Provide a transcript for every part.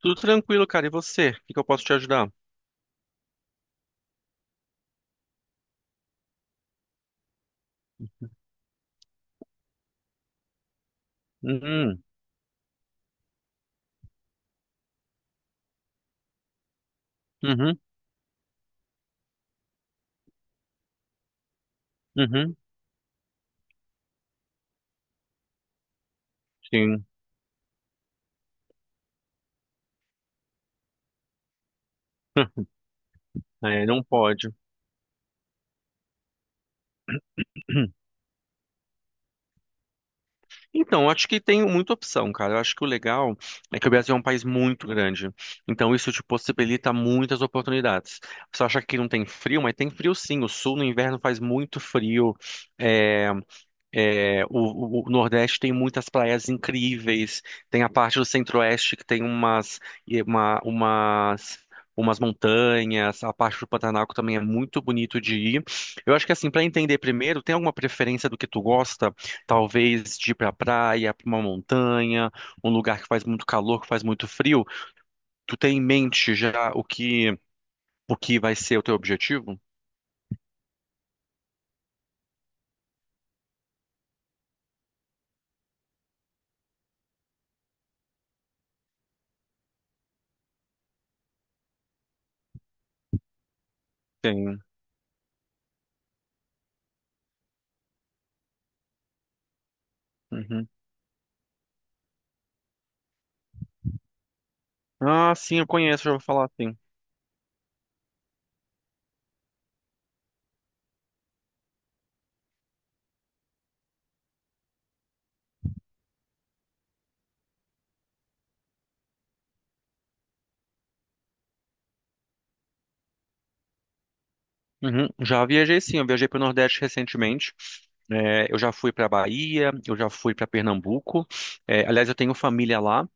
Tudo tranquilo, cara. E você? O que que eu posso te ajudar? Uhum, uhum, uhum, sim. É, não pode. Então, eu acho que tem muita opção, cara. Eu acho que o legal é que o Brasil é um país muito grande. Então, isso te possibilita muitas oportunidades. Você acha que não tem frio, mas tem frio sim. O sul no inverno faz muito frio. É, é, o Nordeste tem muitas praias incríveis, tem a parte do Centro-Oeste que tem umas, e uma- umas, umas montanhas, a parte do Pantanal que também é muito bonito de ir. Eu acho que assim, para entender primeiro, tem alguma preferência do que tu gosta? Talvez de ir pra praia, pra uma montanha, um lugar que faz muito calor, que faz muito frio. Tu tem em mente já o que vai ser o teu objetivo? Tem. Uhum. Ah, sim, eu conheço, já vou falar, sim. Uhum. Já viajei sim, eu viajei para o Nordeste recentemente. É, eu já fui para Bahia, eu já fui para Pernambuco. É, aliás, eu tenho família lá.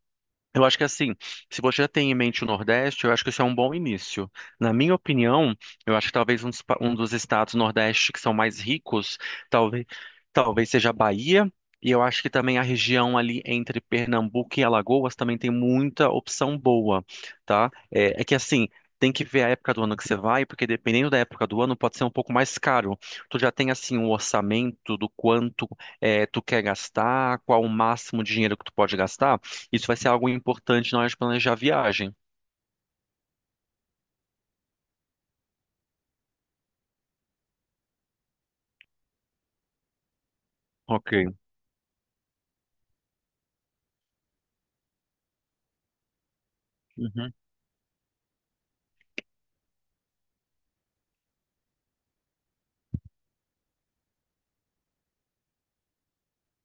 Eu acho que assim, se você já tem em mente o Nordeste, eu acho que isso é um bom início. Na minha opinião, eu acho que talvez um dos estados Nordeste que são mais ricos, talvez, talvez seja a Bahia, e eu acho que também a região ali entre Pernambuco e Alagoas também tem muita opção boa, tá? É, é que assim, tem que ver a época do ano que você vai, porque dependendo da época do ano pode ser um pouco mais caro. Tu já tem assim um orçamento do quanto é, tu quer gastar, qual o máximo de dinheiro que tu pode gastar? Isso vai ser algo importante na hora de planejar a viagem. Ok. Uhum.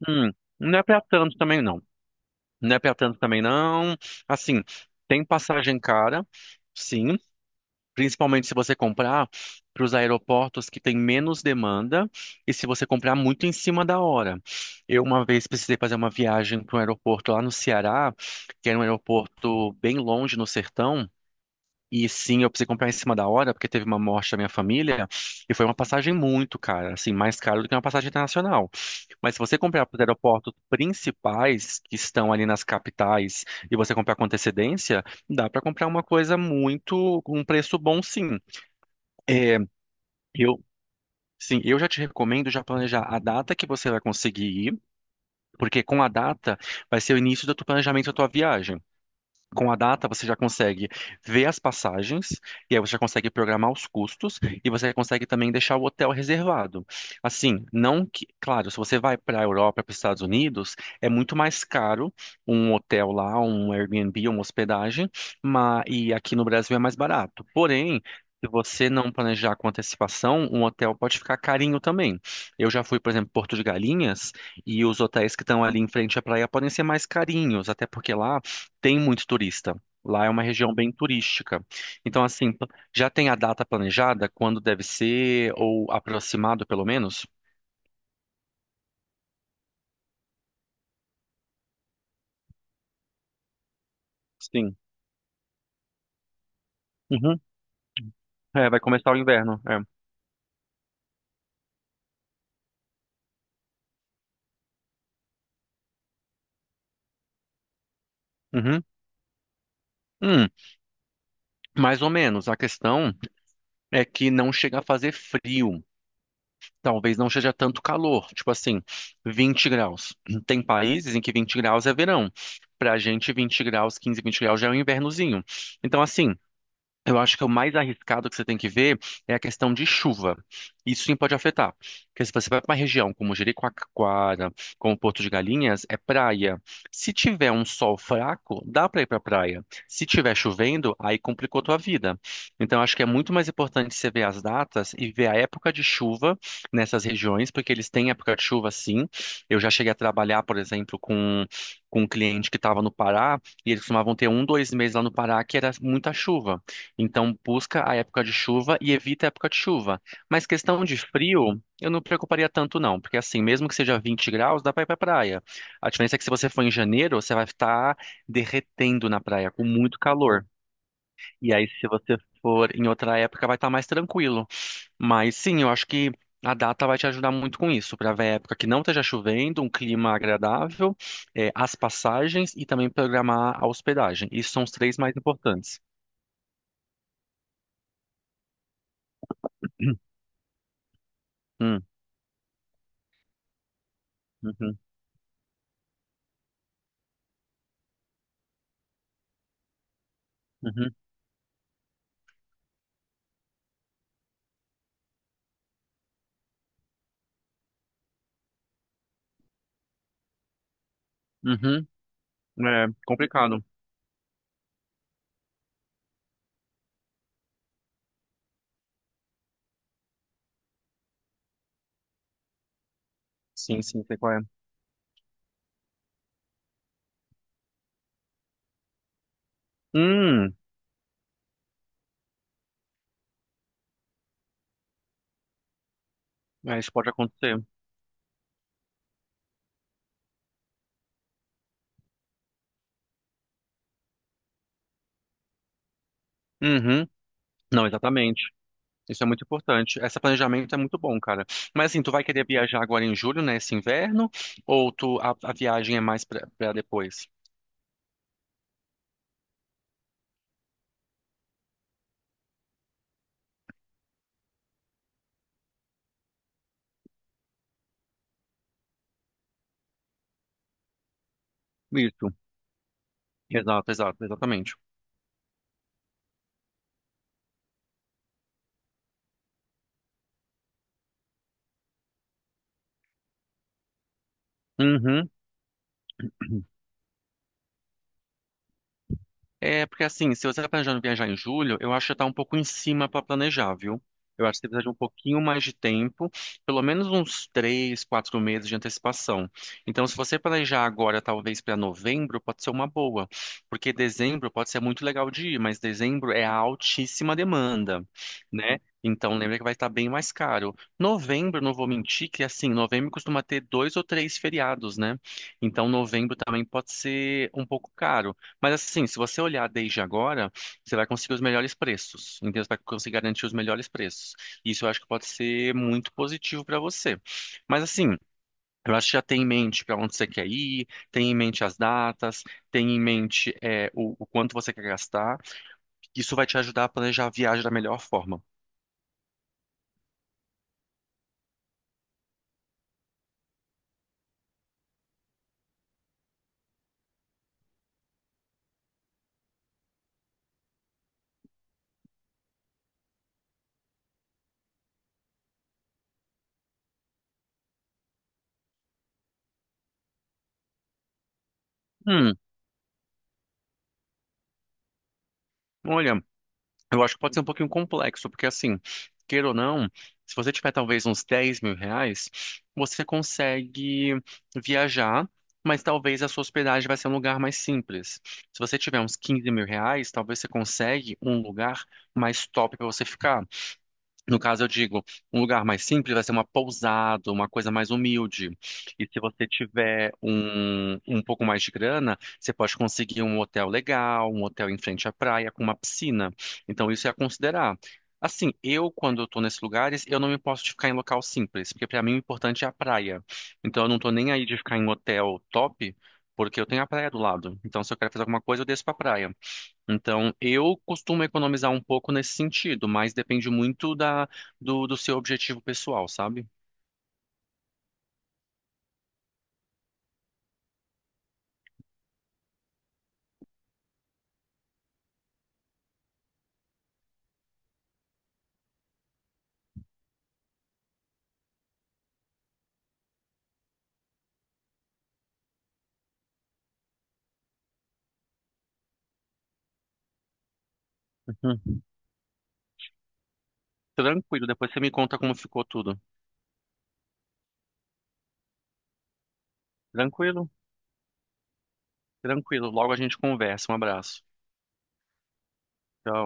Hum, não é pra tanto também não. Não é pra tanto também não. Assim, tem passagem cara, sim. Principalmente se você comprar para os aeroportos que tem menos demanda e se você comprar muito em cima da hora. Eu uma vez precisei fazer uma viagem para um aeroporto lá no Ceará, que era um aeroporto bem longe no sertão. E sim, eu precisei comprar em cima da hora, porque teve uma morte da minha família, e foi uma passagem muito cara, assim, mais cara do que uma passagem internacional. Mas se você comprar para os aeroportos principais, que estão ali nas capitais, e você comprar com antecedência, dá para comprar uma coisa muito, com um preço bom, sim. É, eu. Sim, eu já te recomendo já planejar a data que você vai conseguir ir, porque com a data vai ser o início do teu planejamento da tua viagem. Com a data, você já consegue ver as passagens, e aí você já consegue programar os custos, e você consegue também deixar o hotel reservado. Assim, não que, claro, se você vai para a Europa, para os Estados Unidos, é muito mais caro um hotel lá, um Airbnb, uma hospedagem, mas, e aqui no Brasil é mais barato. Porém, se você não planejar com antecipação, um hotel pode ficar carinho também. Eu já fui, por exemplo, Porto de Galinhas, e os hotéis que estão ali em frente à praia podem ser mais carinhos, até porque lá tem muito turista. Lá é uma região bem turística. Então, assim, p- já tem a data planejada, quando deve ser, ou aproximado pelo menos? Sim. Uhum. É, vai começar o inverno. É. Uhum. Hum, mais ou menos. A questão é que não chega a fazer frio. Talvez não seja tanto calor, tipo assim, 20 graus. Tem países em que 20 graus é verão. Pra gente, 15, 20 graus já é um invernozinho. Então, assim, eu acho que é o mais arriscado que você tem que ver é a questão de chuva. Isso sim pode afetar. Porque se você vai para uma região como Jericoacoara, como Porto de Galinhas, é praia. Se tiver um sol fraco, dá para ir para praia. Se tiver chovendo, aí complicou tua vida. Então eu acho que é muito mais importante você ver as datas e ver a época de chuva nessas regiões, porque eles têm época de chuva sim. Eu já cheguei a trabalhar, por exemplo, com um cliente que estava no Pará e eles costumavam ter um, dois meses lá no Pará que era muita chuva. Então, busca a época de chuva e evita a época de chuva. Mas questão de frio, eu não me preocuparia tanto, não, porque assim, mesmo que seja 20 graus, dá pra ir pra praia. A diferença é que se você for em janeiro, você vai estar derretendo na praia, com muito calor. E aí, se você for em outra época, vai estar mais tranquilo. Mas sim, eu acho que a data vai te ajudar muito com isso, para ver a época que não esteja chovendo, um clima agradável, as passagens e também programar a hospedagem. Isso são os três mais importantes. Hum, uhum, uhum. Uhum. É complicado. Sim, sim, sei qual é. Hum, é, isso pode acontecer. Uhum. Não, exatamente. Isso é muito importante. Esse planejamento é muito bom, cara. Mas assim, tu vai querer viajar agora em julho, né? Esse inverno? Ou tu, a viagem é mais pra, pra depois? Isso. Exato, exato, exatamente. Uhum. É, porque assim, se você tá planejando viajar em julho, eu acho que tá um pouco em cima para planejar, viu? Eu acho que você precisa de um pouquinho mais de tempo, pelo menos uns três, quatro meses de antecipação. Então, se você planejar agora, talvez para novembro, pode ser uma boa, porque dezembro pode ser muito legal de ir, mas dezembro é a altíssima demanda, né? Então, lembra que vai estar bem mais caro. Novembro, não vou mentir, que assim, novembro costuma ter dois ou três feriados, né? Então, novembro também pode ser um pouco caro. Mas assim, se você olhar desde agora, você vai conseguir os melhores preços. Então você vai conseguir garantir os melhores preços. Isso eu acho que pode ser muito positivo para você. Mas assim, eu acho que já tem em mente para onde você quer ir, tem em mente as datas, tem em mente é, o quanto você quer gastar. Isso vai te ajudar a planejar a viagem da melhor forma. Hum, olha. Eu acho que pode ser um pouquinho complexo, porque assim, queira ou não, se você tiver talvez uns R$ 10.000, você consegue viajar, mas talvez a sua hospedagem vai ser um lugar mais simples. Se você tiver uns R$ 15.000, talvez você consegue um lugar mais top para você ficar. No caso, eu digo, um lugar mais simples vai ser uma pousada, uma coisa mais humilde. E se você tiver um, um pouco mais de grana, você pode conseguir um hotel legal, um hotel em frente à praia, com uma piscina. Então, isso é a considerar. Assim, eu, quando eu tô nesses lugares, eu não me posso de ficar em local simples, porque para mim o importante é a praia. Então, eu não tô nem aí de ficar em hotel top, porque eu tenho a praia do lado. Então, se eu quero fazer alguma coisa, eu desço pra praia. Então, eu costumo economizar um pouco nesse sentido, mas depende muito da, do seu objetivo pessoal, sabe? Uhum. Tranquilo, depois você me conta como ficou tudo. Tranquilo? Tranquilo. Logo a gente conversa. Um abraço. Tchau.